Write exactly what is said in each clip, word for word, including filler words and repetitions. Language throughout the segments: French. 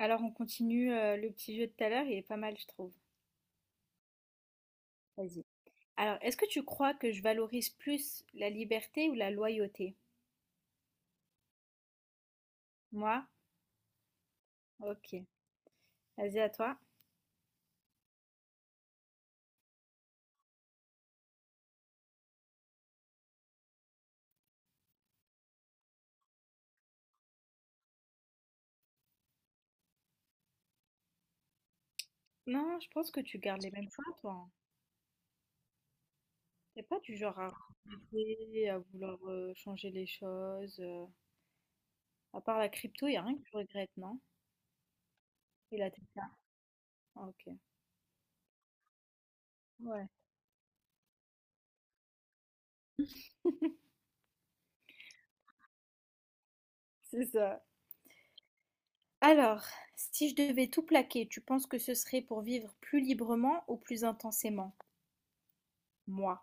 Alors on continue euh, le petit jeu de tout à l'heure, il est pas mal, je trouve. Vas-y. Alors, est-ce que tu crois que je valorise plus la liberté ou la loyauté? Moi? Ok. Vas-y, à toi. Non, je pense que tu gardes les mêmes choix, toi, hein. T'es pas du genre à regretter, à vouloir euh, changer les choses. euh. À part la crypto, il a rien que tu regrettes, non? Et la Tesla. Ah, ok. Ouais, c'est ça. Alors, si je devais tout plaquer, tu penses que ce serait pour vivre plus librement ou plus intensément? Moi.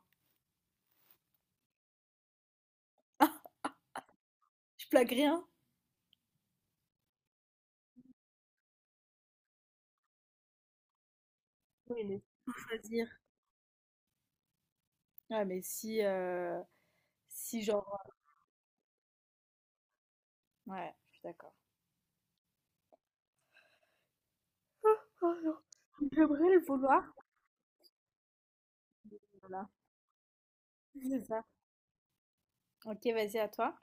Je plaque rien? Oui, mais faut choisir. Ouais, mais si, euh, si genre... Ouais, je suis d'accord. Oh non. J'aimerais le vouloir. Voilà. C'est ça. Ok, vas-y, à toi.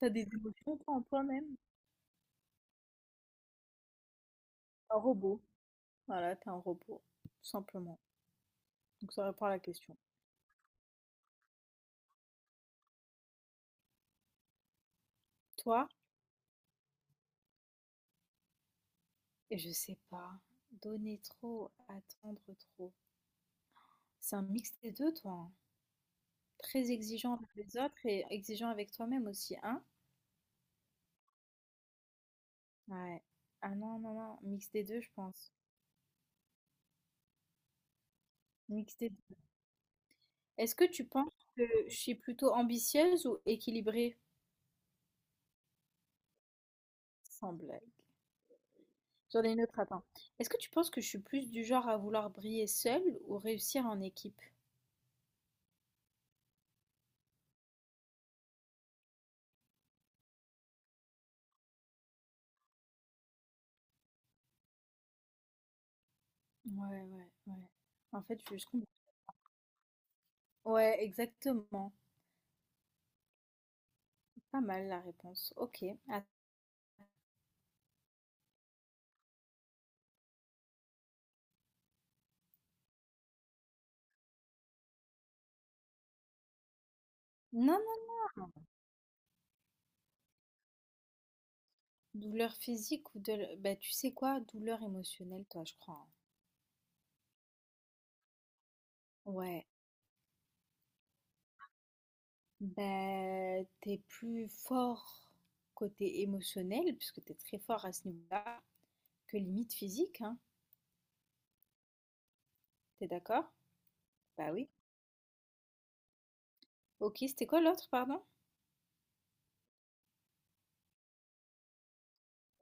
T'as des émotions toi, en toi-même. Un robot. Voilà, t'es un robot, tout simplement. Donc ça répond à la question. Toi, et je sais pas, donner trop, attendre trop. C'est un mix des deux, toi, hein. Très exigeant avec les autres et exigeant avec toi-même aussi, hein? Ouais. Ah non, non, non, mix des deux, je pense. Mix des Est-ce que tu penses que je suis plutôt ambitieuse ou équilibrée? Sans blague. J'en ai une autre, attends. Est-ce que tu penses que je suis plus du genre à vouloir briller seule ou réussir en équipe? Ouais, ouais, ouais. En fait, je je comprends. Ouais, exactement. Pas mal la réponse. Ok. Ah. Non, non, non. Douleur physique ou de... Bah, tu sais quoi? Douleur émotionnelle, toi, je crois, hein. Ouais. Bah, t'es plus fort côté émotionnel, puisque t'es très fort à ce niveau-là, que limite physique, hein. T'es d'accord? Bah oui. Ok, c'était quoi l'autre, pardon?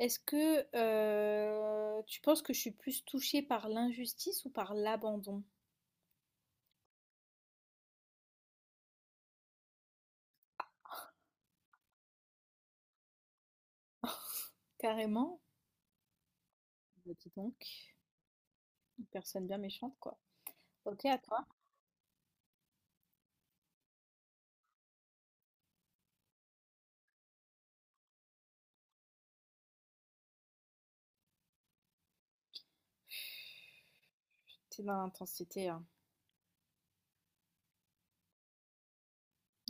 Est-ce que euh, tu penses que je suis plus touchée par l'injustice ou par l'abandon? Carrément? Bah dis donc, une personne bien méchante, quoi. Ok, à toi. C'est dans l'intensité, hein.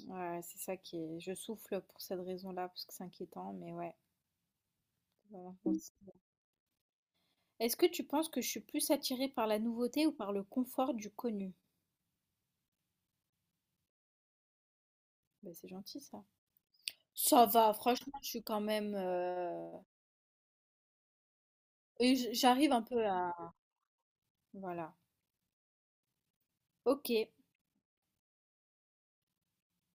Ouais, c'est ça qui est... Je souffle pour cette raison-là, parce que c'est inquiétant, mais ouais. C'est dans l'intensité. Est-ce que tu penses que je suis plus attirée par la nouveauté ou par le confort du connu? Bah, c'est gentil, ça. Ça va, franchement, je suis quand même... euh, et j- j'arrive un peu à... Voilà. Ok,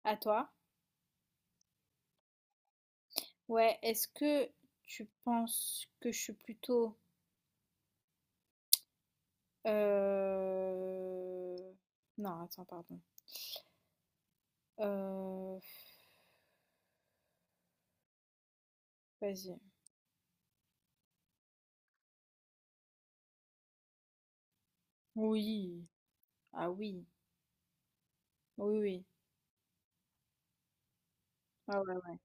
à toi. Ouais, est-ce que tu penses que je suis plutôt... euh, Non, attends, pardon. Euh, Vas-y. Oui. Ah oui. Oui, oui. Ah ouais, ouais.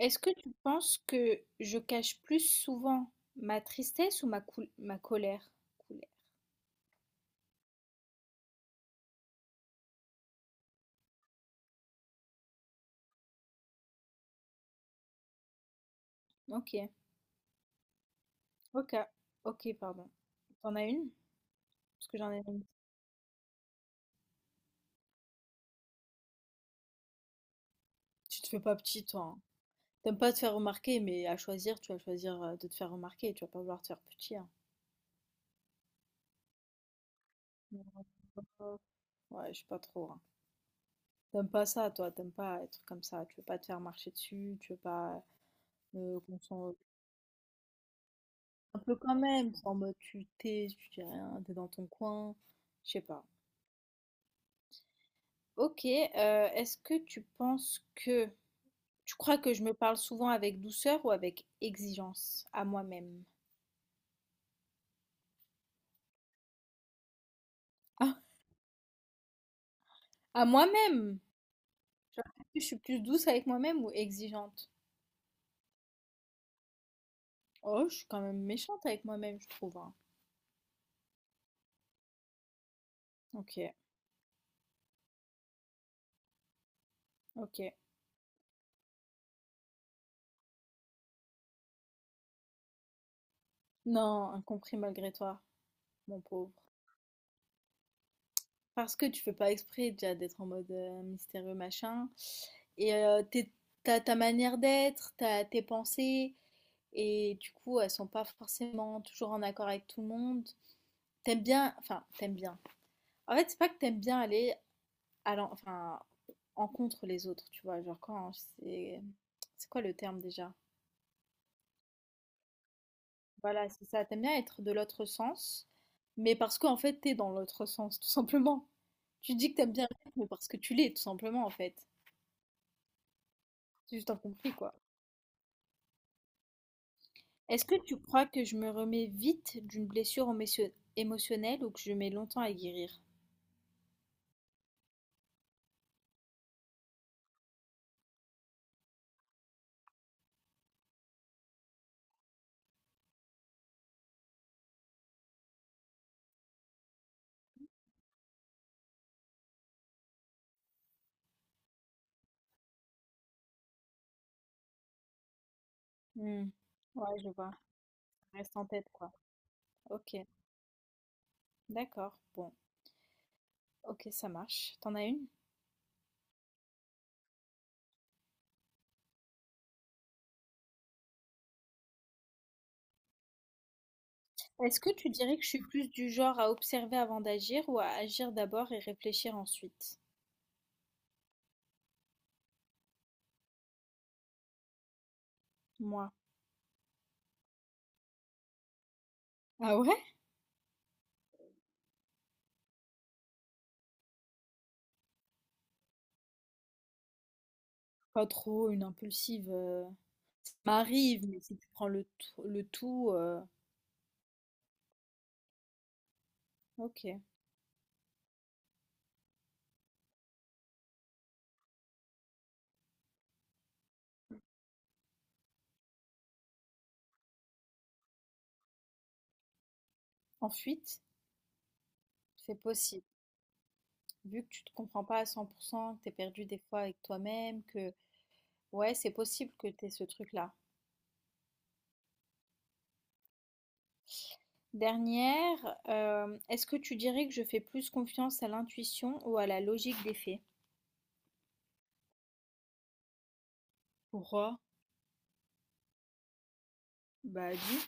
Est-ce que tu penses que je cache plus souvent ma tristesse ou ma, coul- ma colère? Colère. Ok. Ok. Ok, pardon. T'en as une? Parce que j'en ai une. Tu te fais pas petit, toi. T'aimes pas te faire remarquer, mais à choisir, tu vas choisir euh, de te faire remarquer. Tu vas pas vouloir te faire petit, hein. Ouais, je sais pas trop, hein. T'aimes pas ça, toi. T'aimes pas être comme ça. Tu veux pas te faire marcher dessus. Tu veux pas euh, qu'on s'en... Un peu quand même. En mode, tu t'es, tu dis rien, t'es dans ton coin. Je sais pas. Ok. Euh, est-ce que tu penses que... Tu crois que je me parle souvent avec douceur ou avec exigence à moi-même? Ah, à moi-même! Genre, est-ce que je suis plus douce avec moi-même ou exigeante? Oh, je suis quand même méchante avec moi-même, je trouve, hein. OK, OK. Non, incompris malgré toi, mon pauvre. Parce que tu fais pas exprès déjà d'être en mode euh, mystérieux machin. Et euh, t'es- t'as ta manière d'être, t'as tes pensées, et du coup, elles sont pas forcément toujours en accord avec tout le monde. T'aimes bien, enfin, t'aimes bien. En fait, c'est pas que t'aimes bien aller à l'en- enfin, en contre les autres, tu vois. Genre quand c'est, c'est quoi le terme déjà? Voilà, c'est ça. T'aimes bien être de l'autre sens, mais parce qu'en fait, t'es dans l'autre sens, tout simplement. Tu dis que t'aimes bien le rythme parce que tu l'es, tout simplement, en fait. C'est juste incompris, quoi. Est-ce que tu crois que je me remets vite d'une blessure émotion- émotionnelle ou que je mets longtemps à guérir? Hmm. Ouais, je vois. Reste en tête, quoi. Ok, d'accord. Bon, ok, ça marche. T'en as une? Est-ce que tu dirais que je suis plus du genre à observer avant d'agir ou à agir d'abord et réfléchir ensuite? Moi. Ah ouais? Pas trop une impulsive, heu, ça m'arrive, mais si tu prends le tou le tout, heu, OK. En fuite, c'est possible. Vu que tu te comprends pas à cent pour cent, que tu es perdu des fois avec toi-même, que ouais, c'est possible que tu ce truc-là. Dernière, hem, est-ce que tu dirais que je fais plus confiance à l'intuition ou à la logique des faits? Pourquoi? Bah, dis.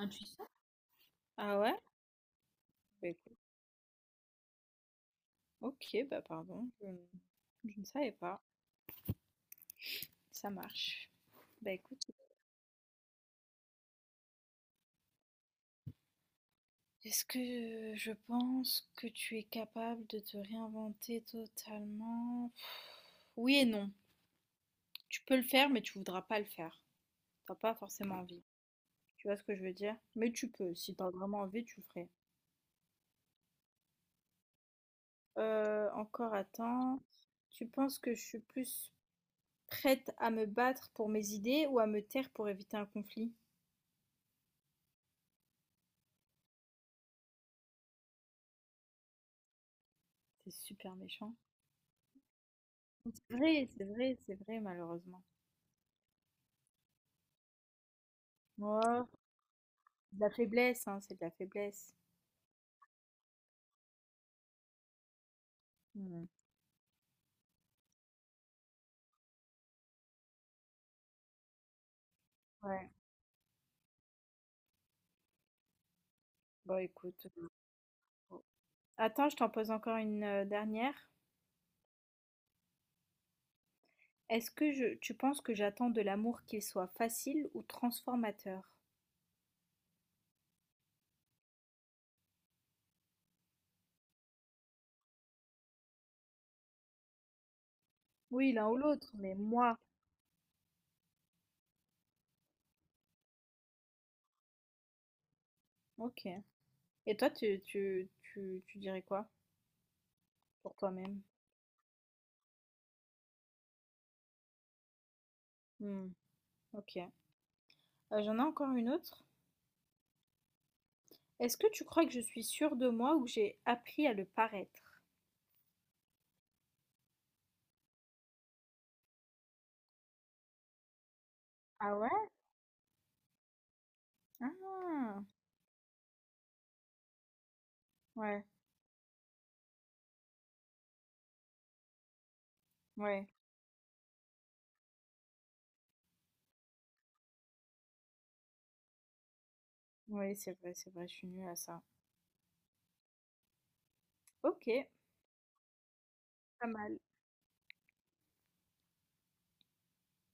Intuition? Ah ouais? Bah, écoute, OK, bah, pardon, je je ne savais pas. Ça marche. Bah, écoute. Est-ce que je pense que tu es capable de te réinventer totalement? Oui et non. Tu peux le faire, mais tu voudras pas le faire. T'as pas forcément envie. Tu vois ce que je veux dire? Mais tu peux. Si t'as vraiment envie, tu le ferais. Euh, encore attends. Tu penses que je suis plus prête à me battre pour mes idées ou à me taire pour éviter un conflit? C'est super méchant. C'est vrai, c'est vrai, c'est vrai, malheureusement. Ouais, de la faiblesse, hein, c'est de la faiblesse. Hmm. Ouais. Bon, écoute. Oh. Attends, je t'en pose encore une euh, dernière. Est-ce que je, tu penses que j'attends de l'amour qu'il soit facile ou transformateur? Oui, l'un ou l'autre, mais moi. Ok. Et toi, tu, tu, tu, tu dirais quoi pour toi-même? Hmm, ok. Euh, j'en ai encore une autre. Est-ce que tu crois que je suis sûre de moi ou que j'ai appris à le paraître? Ah ouais? Ah, ouais, ouais. Oui, c'est vrai, c'est vrai, je suis nulle à ça. Ok, pas mal.